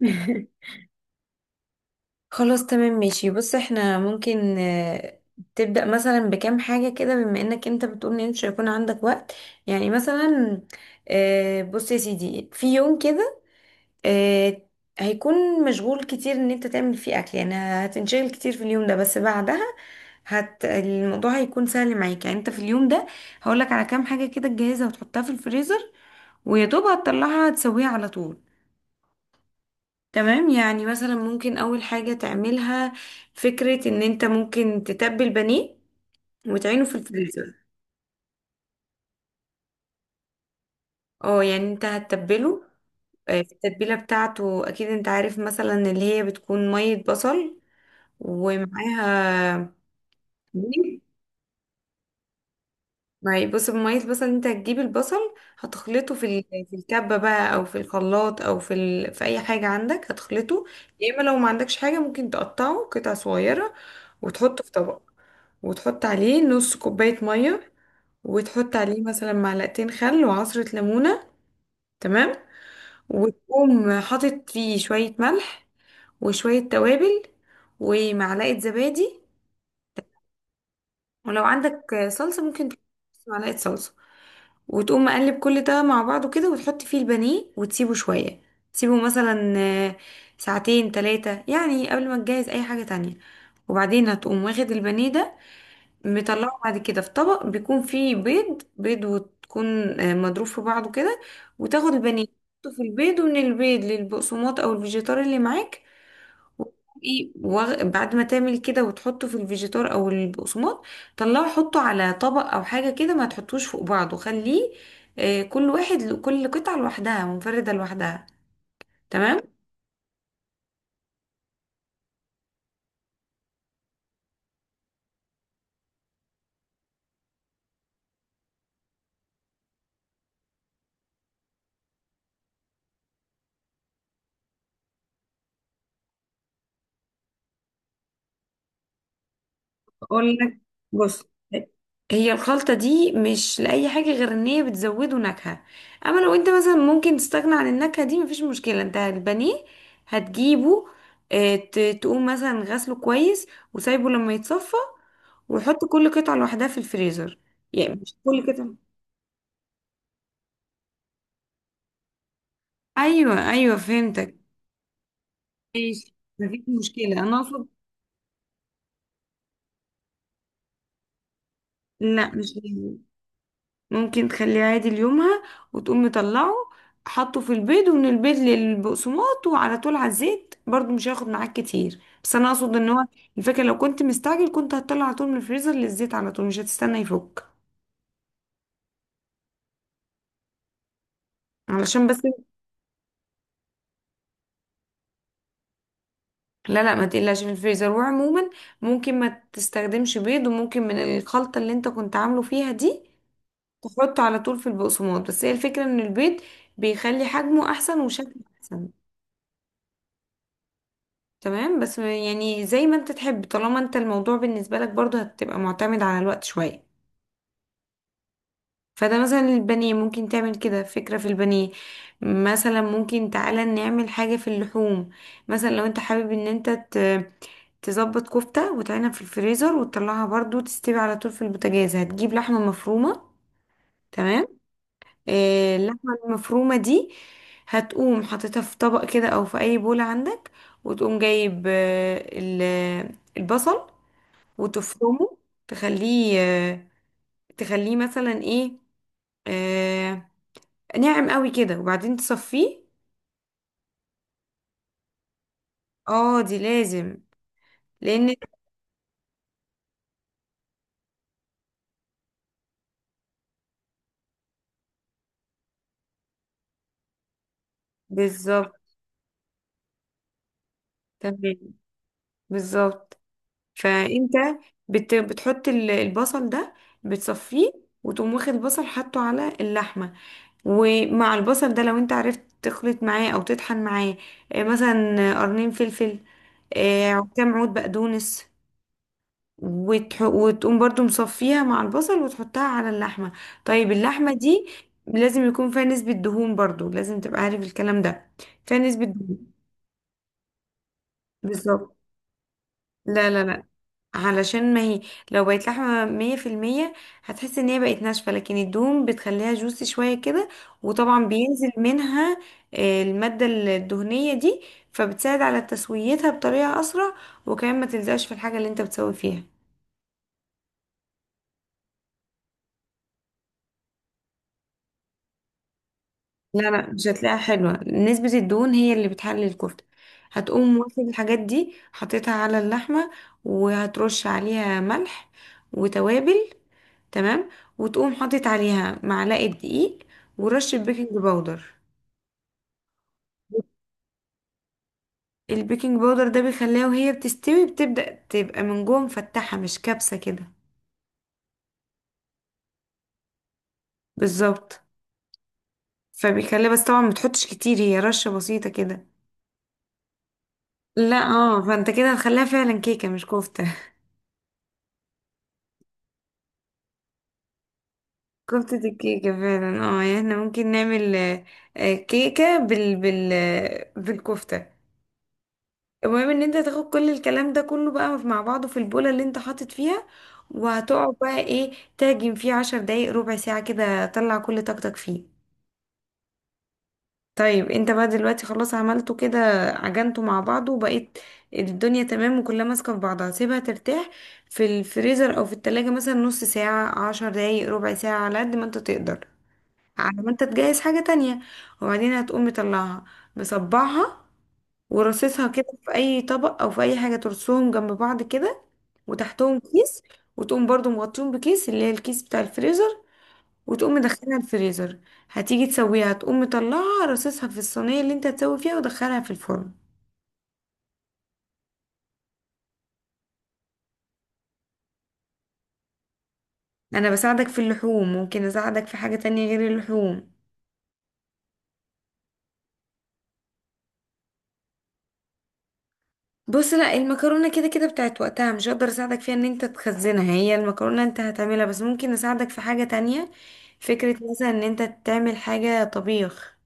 خلاص تمام ماشي بص احنا ممكن تبدأ مثلا بكام حاجة كده بما انك انت بتقول ان انت مش هيكون عندك وقت. يعني مثلا بص يا سيدي، في يوم كده آه، هيكون مشغول كتير ان انت تعمل فيه اكل، يعني هتنشغل كتير في اليوم ده، بس بعدها الموضوع هيكون سهل معاك. يعني انت في اليوم ده هقولك على كام حاجة كده تجهزها وتحطها في الفريزر، ويا دوب هتطلعها تسويها على طول. تمام، يعني مثلا ممكن اول حاجة تعملها فكرة ان انت ممكن تتبل بانيه وتعينه في الفريزر. اه يعني انت هتتبله في التتبيلة بتاعته، اكيد انت عارف، مثلا اللي هي بتكون مية بصل ومعاها بانيه. ما بص، بمية البصل انت هتجيب البصل، هتخلطه في الكبة بقى او في الخلاط او في اي حاجة عندك هتخلطه. يا اما لو ما عندكش حاجة ممكن تقطعه قطع صغيرة وتحطه في طبق، وتحط عليه نص كوباية مية، وتحط عليه مثلا معلقتين خل وعصرة ليمونة. تمام. وتقوم حاطط فيه شوية ملح وشوية توابل ومعلقة زبادي، ولو عندك صلصة ممكن تحط نص معلقة صلصة. وتقوم مقلب كل ده مع بعضه كده وتحط فيه البانيه وتسيبه شوية. تسيبه مثلا ساعتين تلاتة، يعني قبل ما تجهز أي حاجة تانية. وبعدين هتقوم واخد البانيه ده، مطلعه بعد كده في طبق بيكون فيه بيض، وتكون مضروب في بعضه كده. وتاخد البانيه تحطه في البيض، ومن البيض للبقسماط او الفيجيتار اللي معاك. وتقومي بعد ما تعمل كده وتحطه في الفيجيتار او البقسماط، طلعه حطه على طبق او حاجه كده، ما تحطوش فوق بعضه، خليه كل واحد، كل قطعه لوحدها، منفرده لوحدها. تمام. اقول لك، بص، هي الخلطة دي مش لأي حاجة غير ان هي بتزوده نكهة. اما لو انت مثلا ممكن تستغنى عن النكهة دي مفيش مشكلة. انت البانيه هتجيبه، تقوم مثلا غسله كويس وسايبه لما يتصفى، وحط كل قطعة لوحدها في الفريزر. يعني مش كل قطعة. ايوه ايوه، فهمتك. ماشي مفيش مشكلة، انا اقصد لا مش لازم. ممكن تخليه عادي ليومها، وتقوم مطلعه حطه في البيض ومن البيض للبقسماط وعلى طول على الزيت، برضو مش هياخد معاك كتير. بس انا اقصد ان هو الفكره لو كنت مستعجل كنت هتطلع على طول من الفريزر للزيت على طول، مش هتستنى يفك علشان بس. لا لا، ما تقلقش من الفريزر. وعموما ممكن ما تستخدمش بيض، وممكن من الخلطه اللي انت كنت عامله فيها دي تحطه على طول في البقسماط. بس هي الفكره ان البيض بيخلي حجمه احسن وشكله احسن. تمام بس يعني زي ما انت تحب، طالما انت الموضوع بالنسبة لك برضو هتبقى معتمد على الوقت شوية. فده مثلا البانيه ممكن تعمل كده، فكرة في البانيه. مثلا ممكن تعالى نعمل حاجة في اللحوم. مثلا لو انت حابب ان انت تظبط كفتة وتعينها في الفريزر وتطلعها برضو تستوي على طول في البوتاجاز. هتجيب لحمة مفرومة. تمام. اللحمة المفرومة دي هتقوم حاططها في طبق كده او في اي بولة عندك، وتقوم جايب البصل وتفرمه، تخليه تخليه مثلا ايه، آه ناعم قوي كده، وبعدين تصفيه. اه دي لازم. لان بالظبط. تمام بالظبط. فانت بتحط البصل ده بتصفيه، وتقوم واخد البصل حاطه على اللحمه. ومع البصل ده لو انت عرفت تخلط معاه او تطحن معاه مثلا قرنين فلفل، كام عود بقدونس، وتقوم برضو مصفيها مع البصل وتحطها على اللحمة. طيب اللحمة دي لازم يكون فيها نسبة دهون، برضو لازم تبقى عارف الكلام ده، فيها نسبة دهون. بالظبط. لا لا لا، علشان ما هي لو بقت لحمة مية في المية هتحس ان هي بقت ناشفة، لكن الدهون بتخليها جوسي شوية كده، وطبعا بينزل منها المادة الدهنية دي، فبتساعد على تسويتها بطريقة أسرع، وكمان ما تلزقش في الحاجة اللي انت بتسوي فيها. لا لا، مش هتلاقيها حلوة. نسبة الدهون هي اللي بتحلي الكفتة. هتقوم واخد الحاجات دي حطيتها على اللحمة، وهترش عليها ملح وتوابل. تمام. وتقوم حاطط عليها معلقة دقيق ورشة بيكنج باودر. البيكنج باودر ده بيخليها وهي بتستوي بتبدأ تبقى من جوه مفتحة، مش كبسة كده. بالظبط. فبيخليها، بس طبعا ما تحطش كتير، هي رشة بسيطة كده. لا اه، فانت كده هتخليها فعلا كيكة مش كفتة. كفتة الكيكة فعلا اه، يعني احنا ممكن نعمل كيكة بالكفتة. المهم ان انت تاخد كل الكلام ده كله بقى مع بعضه في البولة اللي انت حاطط فيها، وهتقعد بقى ايه، تعجن فيه 10 دقايق ربع ساعة كده، طلع كل طاقتك فيه. طيب انت بقى دلوقتي خلاص عملته كده، عجنته مع بعضه وبقيت الدنيا تمام وكلها ماسكة في بعضها، سيبها ترتاح في الفريزر او في التلاجة مثلا نص ساعة 10 دقايق ربع ساعة على قد ما انت تقدر، على ما انت تجهز حاجة تانية. وبعدين هتقوم مطلعها مصبعها ورصصها كده في اي طبق او في اي حاجة، ترصهم جنب بعض كده وتحتهم كيس، وتقوم برضو مغطيهم بكيس، اللي هي الكيس بتاع الفريزر، وتقوم مدخلها الفريزر. هتيجي تسويها هتقوم مطلعها رصصها في الصينية اللي انت هتسوي فيها ودخلها في الفرن. انا بساعدك في اللحوم، ممكن اساعدك في حاجة تانية غير اللحوم. بص، لا المكرونه كده كده بتاعت وقتها، مش هقدر اساعدك فيها ان انت تخزنها. هي المكرونه انت هتعملها، بس ممكن اساعدك في حاجه تانية، فكره مثلا ان انت تعمل حاجه طبيخ.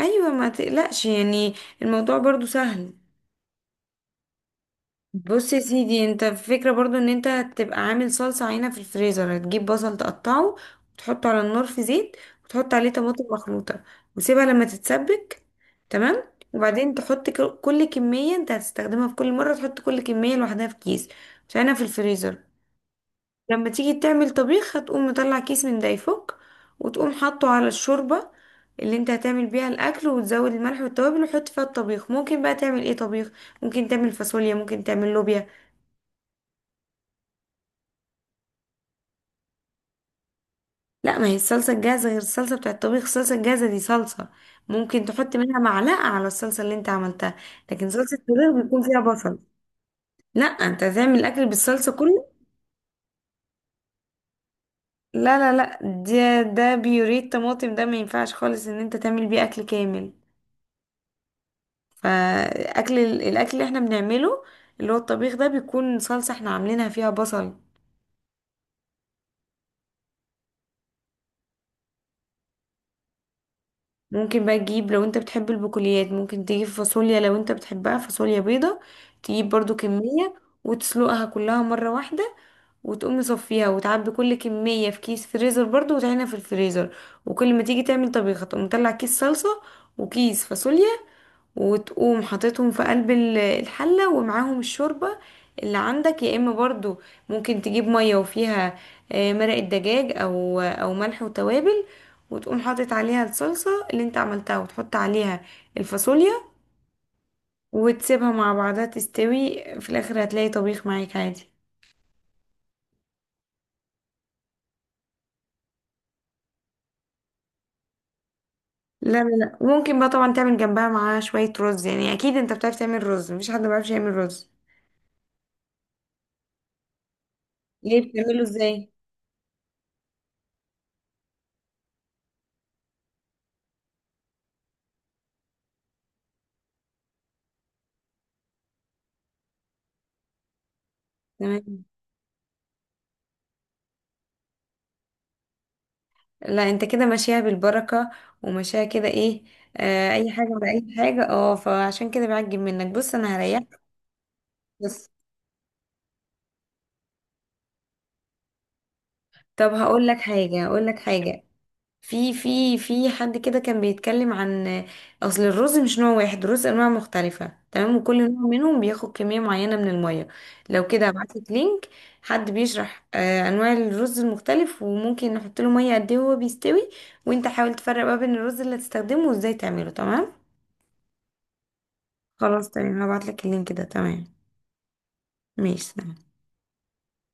ايوه ما تقلقش يعني، الموضوع برضو سهل. بص يا سيدي، انت الفكرة برضو ان انت تبقى عامل صلصة عينة في الفريزر. هتجيب بصل تقطعه وتحطه على النار في زيت، وتحط عليه طماطم مخلوطة، وسيبها لما تتسبك. تمام. وبعدين تحط كل كمية انت هتستخدمها في كل مرة، تحط كل كمية لوحدها في كيس وتعينها في الفريزر. لما تيجي تعمل طبيخ هتقوم مطلع كيس من ده يفك، وتقوم حاطه على الشوربة اللي انت هتعمل بيها الاكل، وتزود الملح والتوابل وتحط فيها الطبيخ. ممكن بقى تعمل ايه طبيخ؟ ممكن تعمل فاصوليا، ممكن تعمل لوبيا. لا، ما هي الصلصة الجاهزة غير الصلصة بتاعة الطبيخ. الصلصة الجاهزة دي صلصة ممكن تحط منها معلقة على الصلصة اللي انت عملتها. لكن صلصة الطبيخ بيكون فيها بصل. لا، انت هتعمل الاكل بالصلصة كله. لا لا لا، ده بيوريه طماطم، ده ما ينفعش خالص ان انت تعمل بيه اكل كامل. فاكل الاكل اللي احنا بنعمله اللي هو الطبيخ ده، بيكون صلصة احنا عاملينها فيها بصل. ممكن بقى تجيب، لو انت بتحب البقوليات ممكن تجيب فاصوليا، لو انت بتحبها فاصوليا بيضة تجيب برضو كمية وتسلقها كلها مرة واحدة، وتقوم مصفيها وتعبي كل كمية في كيس فريزر برضو وتعينها في الفريزر. وكل ما تيجي تعمل طبيخة تقوم مطلع كيس صلصة وكيس فاصوليا، وتقوم حاططهم في قلب الحلة ومعاهم الشوربة اللي عندك. يا اما برضو ممكن تجيب مية وفيها مرق الدجاج او ملح وتوابل، وتقوم حاطط عليها الصلصة اللي انت عملتها وتحط عليها الفاصوليا، وتسيبها مع بعضها تستوي. في الاخر هتلاقي طبيخ معاك عادي. لا لا لا، ممكن بقى طبعا تعمل جنبها معاها شوية رز، يعني اكيد انت بتعرف تعمل رز، مفيش حد ما بيعرفش يعمل رز. ليه بتعمله ازاي؟ تمام. لا انت كده ماشيها بالبركة، وماشيها كده ايه، آه اي حاجة ولا اي حاجة اه، فعشان كده بعجب منك. بص انا هريحك بس. طب هقول لك حاجة، هقول لك حاجة، في حد كده كان بيتكلم عن اصل الرز، مش نوع واحد، الرز انواع مختلفة تمام، وكل نوع منهم بياخد كمية معينة من المية. لو كده هبعتلك لينك حد بيشرح آه انواع الرز المختلف وممكن نحط له مية قد ايه وهو بيستوي، وانت حاول تفرق ما بين الرز اللي هتستخدمه وازاي تعمله. تمام. خلاص تمام هبعتلك اللينك ده. تمام ماشي تمام.